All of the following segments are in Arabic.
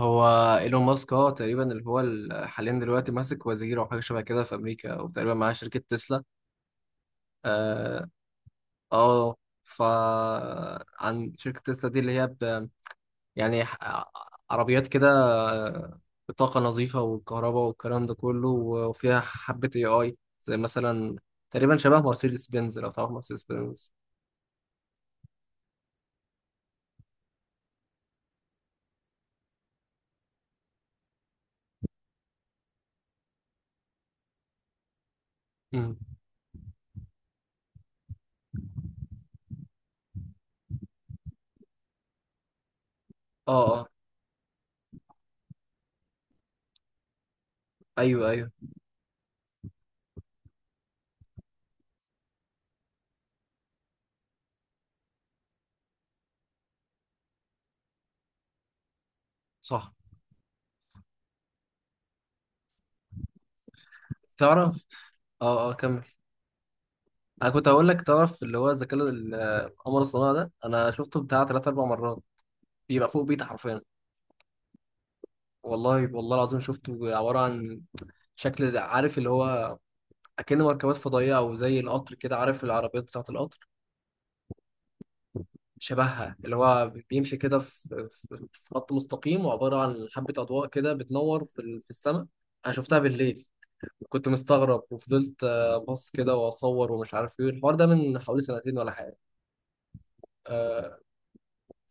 هو ايلون ماسك، تقريبا اللي هو حاليا دلوقتي ماسك وزير او حاجه شبه كده في امريكا، وتقريبا معاه شركه تسلا. اه اه. ف عن شركه تسلا دي اللي هي يعني ح- عربيات كده، آه، بطاقه نظيفه والكهرباء والكلام ده كله، وفيها حبه اي اي زي مثلا. تقريبا شبه مرسيدس بنز، لو تعرف مرسيدس بنز. مم. اه اه. ايوه ايوه. صح. تعرف. اه اه. كمل. انا كنت هقول لك، تعرف اللي هو القمر الصناعي ده، انا شفته بتاع ثلاث اربع مرات، بيبقى فوق بيتي حرفيا. والله، والله العظيم شفته، عباره عن شكل، عارف اللي هو اكن مركبات فضائيه، او زي القطر كده، عارف العربيات بتاعه القطر، شبهها. اللي هو بيمشي كده في خط مستقيم، وعباره عن حبه اضواء كده بتنور في السماء. انا شفتها بالليل. كنت مستغرب وفضلت ابص كده واصور، ومش عارف ايه الحوار ده، من حوالي سنتين ولا حاجه. آه،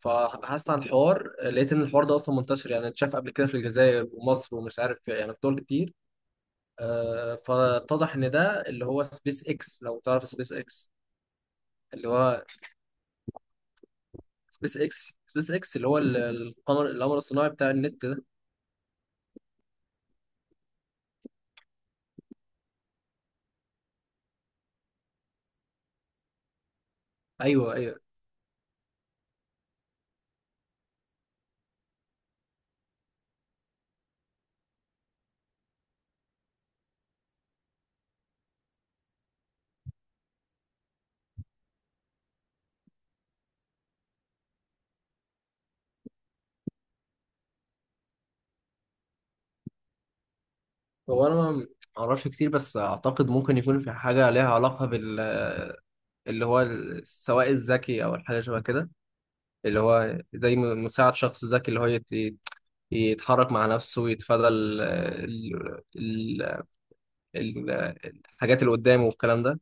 فبحثت عن الحوار، لقيت ان الحوار ده اصلا منتشر، يعني اتشاف قبل كده في الجزائر ومصر، ومش عارف، يعني في دول كتير. فاتضح ان ده اللي هو سبيس اكس، لو تعرف سبيس اكس، اللي هو سبيس اكس اللي هو القمر الصناعي بتاع النت ده. ايوه ايوه. هو انا ما اعرفش كتير، بس اعتقد ممكن يكون في حاجه ليها علاقه اللي هو السواق الذكي، او الحاجه شبه كده، اللي هو زي مساعد شخص ذكي، اللي هو يتحرك مع نفسه، يتفادى ال ال ال ال الحاجات اللي قدامه والكلام ده،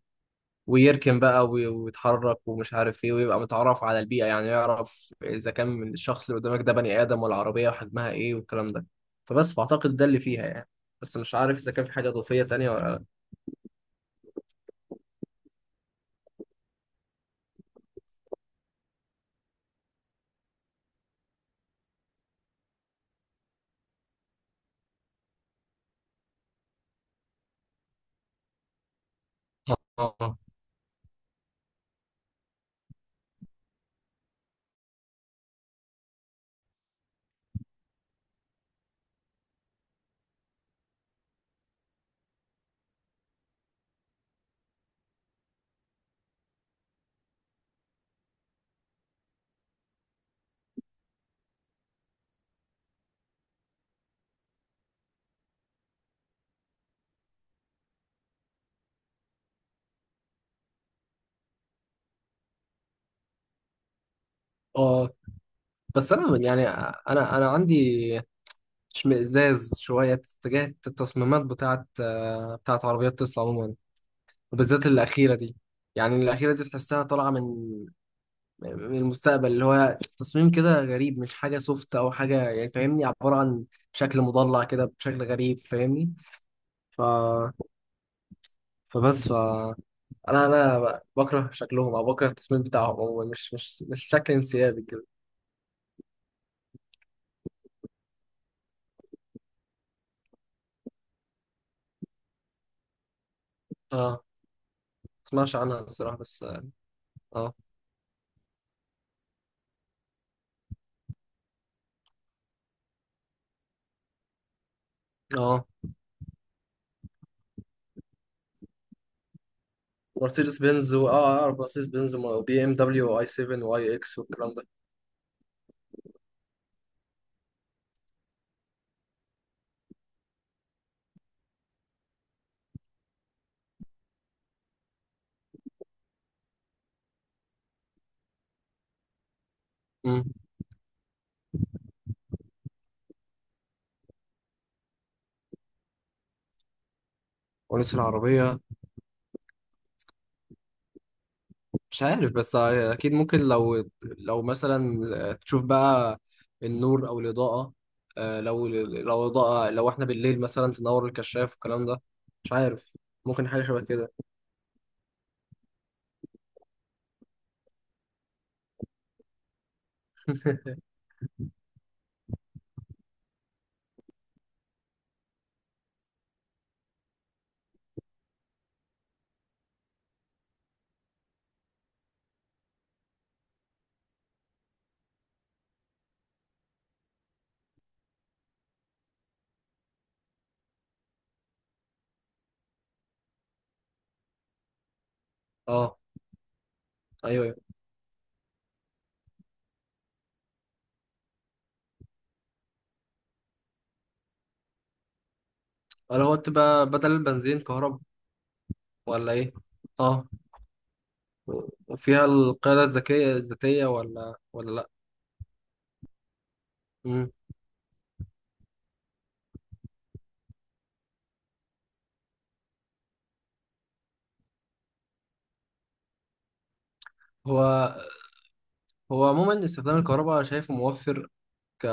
ويركن بقى، ويتحرك ومش عارف ايه، ويبقى متعرف على البيئة، يعني يعرف إذا كان من الشخص اللي قدامك ده بني آدم ولا عربية، وحجمها ايه والكلام ده. فبس، فأعتقد ده اللي فيها يعني. بس مش عارف إذا كان في حاجة إضافية تانية ولا لا. آه آه. بس أنا، يعني، أنا عندي اشمئزاز شوية تجاه التصميمات بتاعت عربيات تسلا عموما، وبالذات الأخيرة دي. يعني الأخيرة دي تحسها طالعة من المستقبل، اللي هو تصميم كده غريب، مش حاجة سوفت أو حاجة، يعني فاهمني، عبارة عن شكل مضلع كده بشكل غريب، فاهمني. ف... فبس ف... أنا بكره شكلهم، أو بكره التصميم بتاعهم، هو مش شكل انسيابي كده. أه. مسمعش عنها الصراحة بس. أه. أه. مرسيدس بنز و... أه أعرف مرسيدس بنز وبي إم دبليو وآي 7 وآي إكس والكلام ده. أمم. ونسي العربية. مش عارف، بس اكيد ممكن لو لو مثلا تشوف بقى النور او الاضاءه. لو لو اضاءه، لو احنا بالليل مثلا تنور الكشاف والكلام ده. مش عارف، ممكن حاجه شبه كده. اه. ايوه ايوه. اللي هو تبقى بدل البنزين كهرباء، ولا ايه؟ اه. وفيها القياده الذكيه الذاتيه، ولا لا؟ مم. هو هو عموما استخدام الكهرباء شايفه موفر، ك...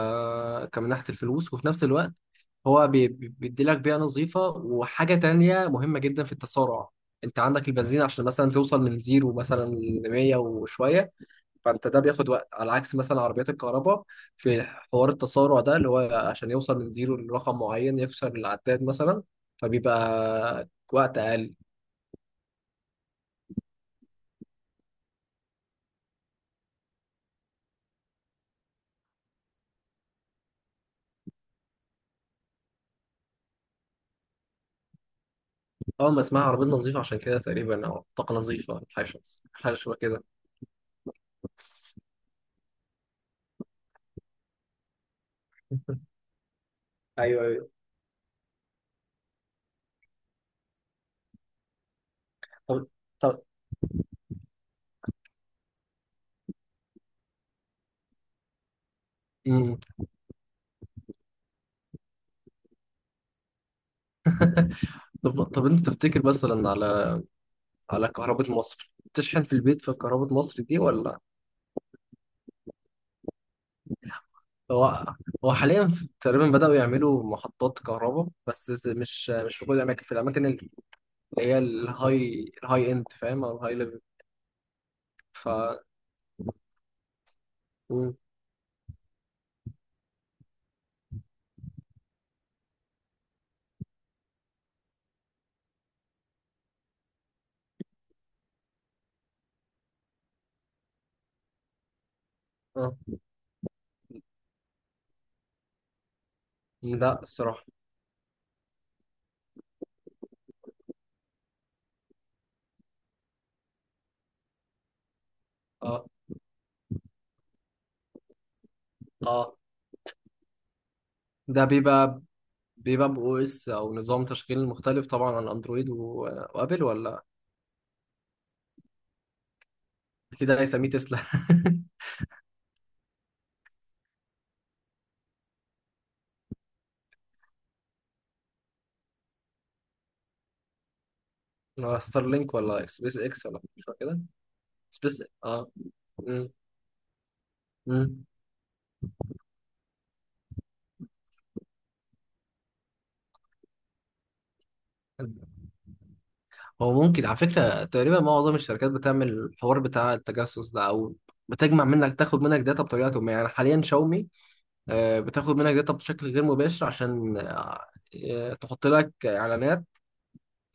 كمن ناحية الفلوس، وفي نفس الوقت هو بيديلك بيئة نظيفة، وحاجة تانية مهمة جدا في التسارع. انت عندك البنزين، عشان مثلا توصل من زيرو مثلا ل 100 وشوية، فانت ده بياخد وقت، على عكس مثلا عربيات الكهرباء في حوار التسارع ده، اللي هو عشان يوصل من زيرو لرقم معين يكسر العداد مثلا، فبيبقى وقت اقل. اول ما اسمها عربية نظيفة عشان كده تقريبا، او طاقة نظيفة، حاجة شبه كده. ايوه ايوه. طب طب طب انت تفتكر مثلا على كهرباء مصر، تشحن في البيت في كهرباء مصر دي ولا؟ هو هو حاليا تقريبا بدأوا يعملوا محطات كهرباء، بس مش في كل الاماكن، في الاماكن اللي هي الهاي اند فاهم، او الهاي ليفل. ف مم. اه. لا الصراحة. اه اه. ده بيبقى بو اس، او نظام تشغيل مختلف طبعا عن اندرويد، وابل، ولا؟ اكيد هيسميه تسلا ولا ستارلينك، ولا سبيس اكس، ولا مش فاكر كده. سبيس، مم. هو ممكن على فكرة تقريبا معظم الشركات بتعمل الحوار بتاع التجسس ده، أو بتجمع منك، تاخد منك داتا بطريقة ما. يعني حاليا شاومي بتاخد منك داتا بشكل غير مباشر، عشان تحط لك إعلانات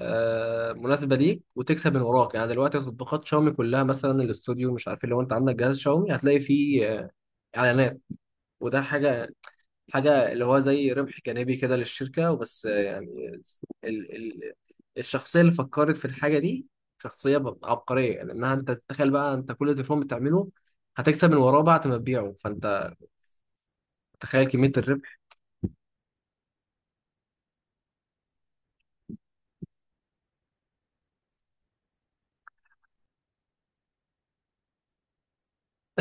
مناسبة ليك، وتكسب من وراك. يعني دلوقتي تطبيقات شاومي كلها، مثلا الاستوديو، مش عارف، لو أنت عندك جهاز شاومي هتلاقي فيه إعلانات. وده حاجة، اللي هو زي ربح جانبي كده للشركة، وبس. يعني ال ال الشخصية اللي فكرت في الحاجة دي شخصية عبقرية، لأنها أنت تتخيل بقى، أنت كل تليفون بتعمله هتكسب من وراه بعد ما تبيعه، فأنت تخيل كمية الربح.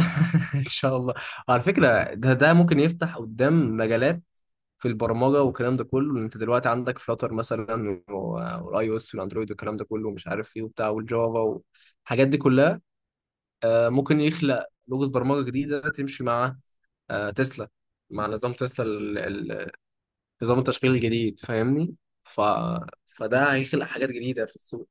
إن شاء الله. وعلى فكرة ده ممكن يفتح قدام مجالات في البرمجة والكلام ده كله. أنت دلوقتي عندك فلاتر مثلا، والآي أو إس والأندرويد والكلام ده كله، ومش عارف إيه وبتاع، والجافا والحاجات دي كلها. ممكن يخلق لغة برمجة جديدة تمشي مع تسلا، مع نظام تسلا ال- نظام التشغيل الجديد، فاهمني. ف... فده هيخلق حاجات جديدة في السوق.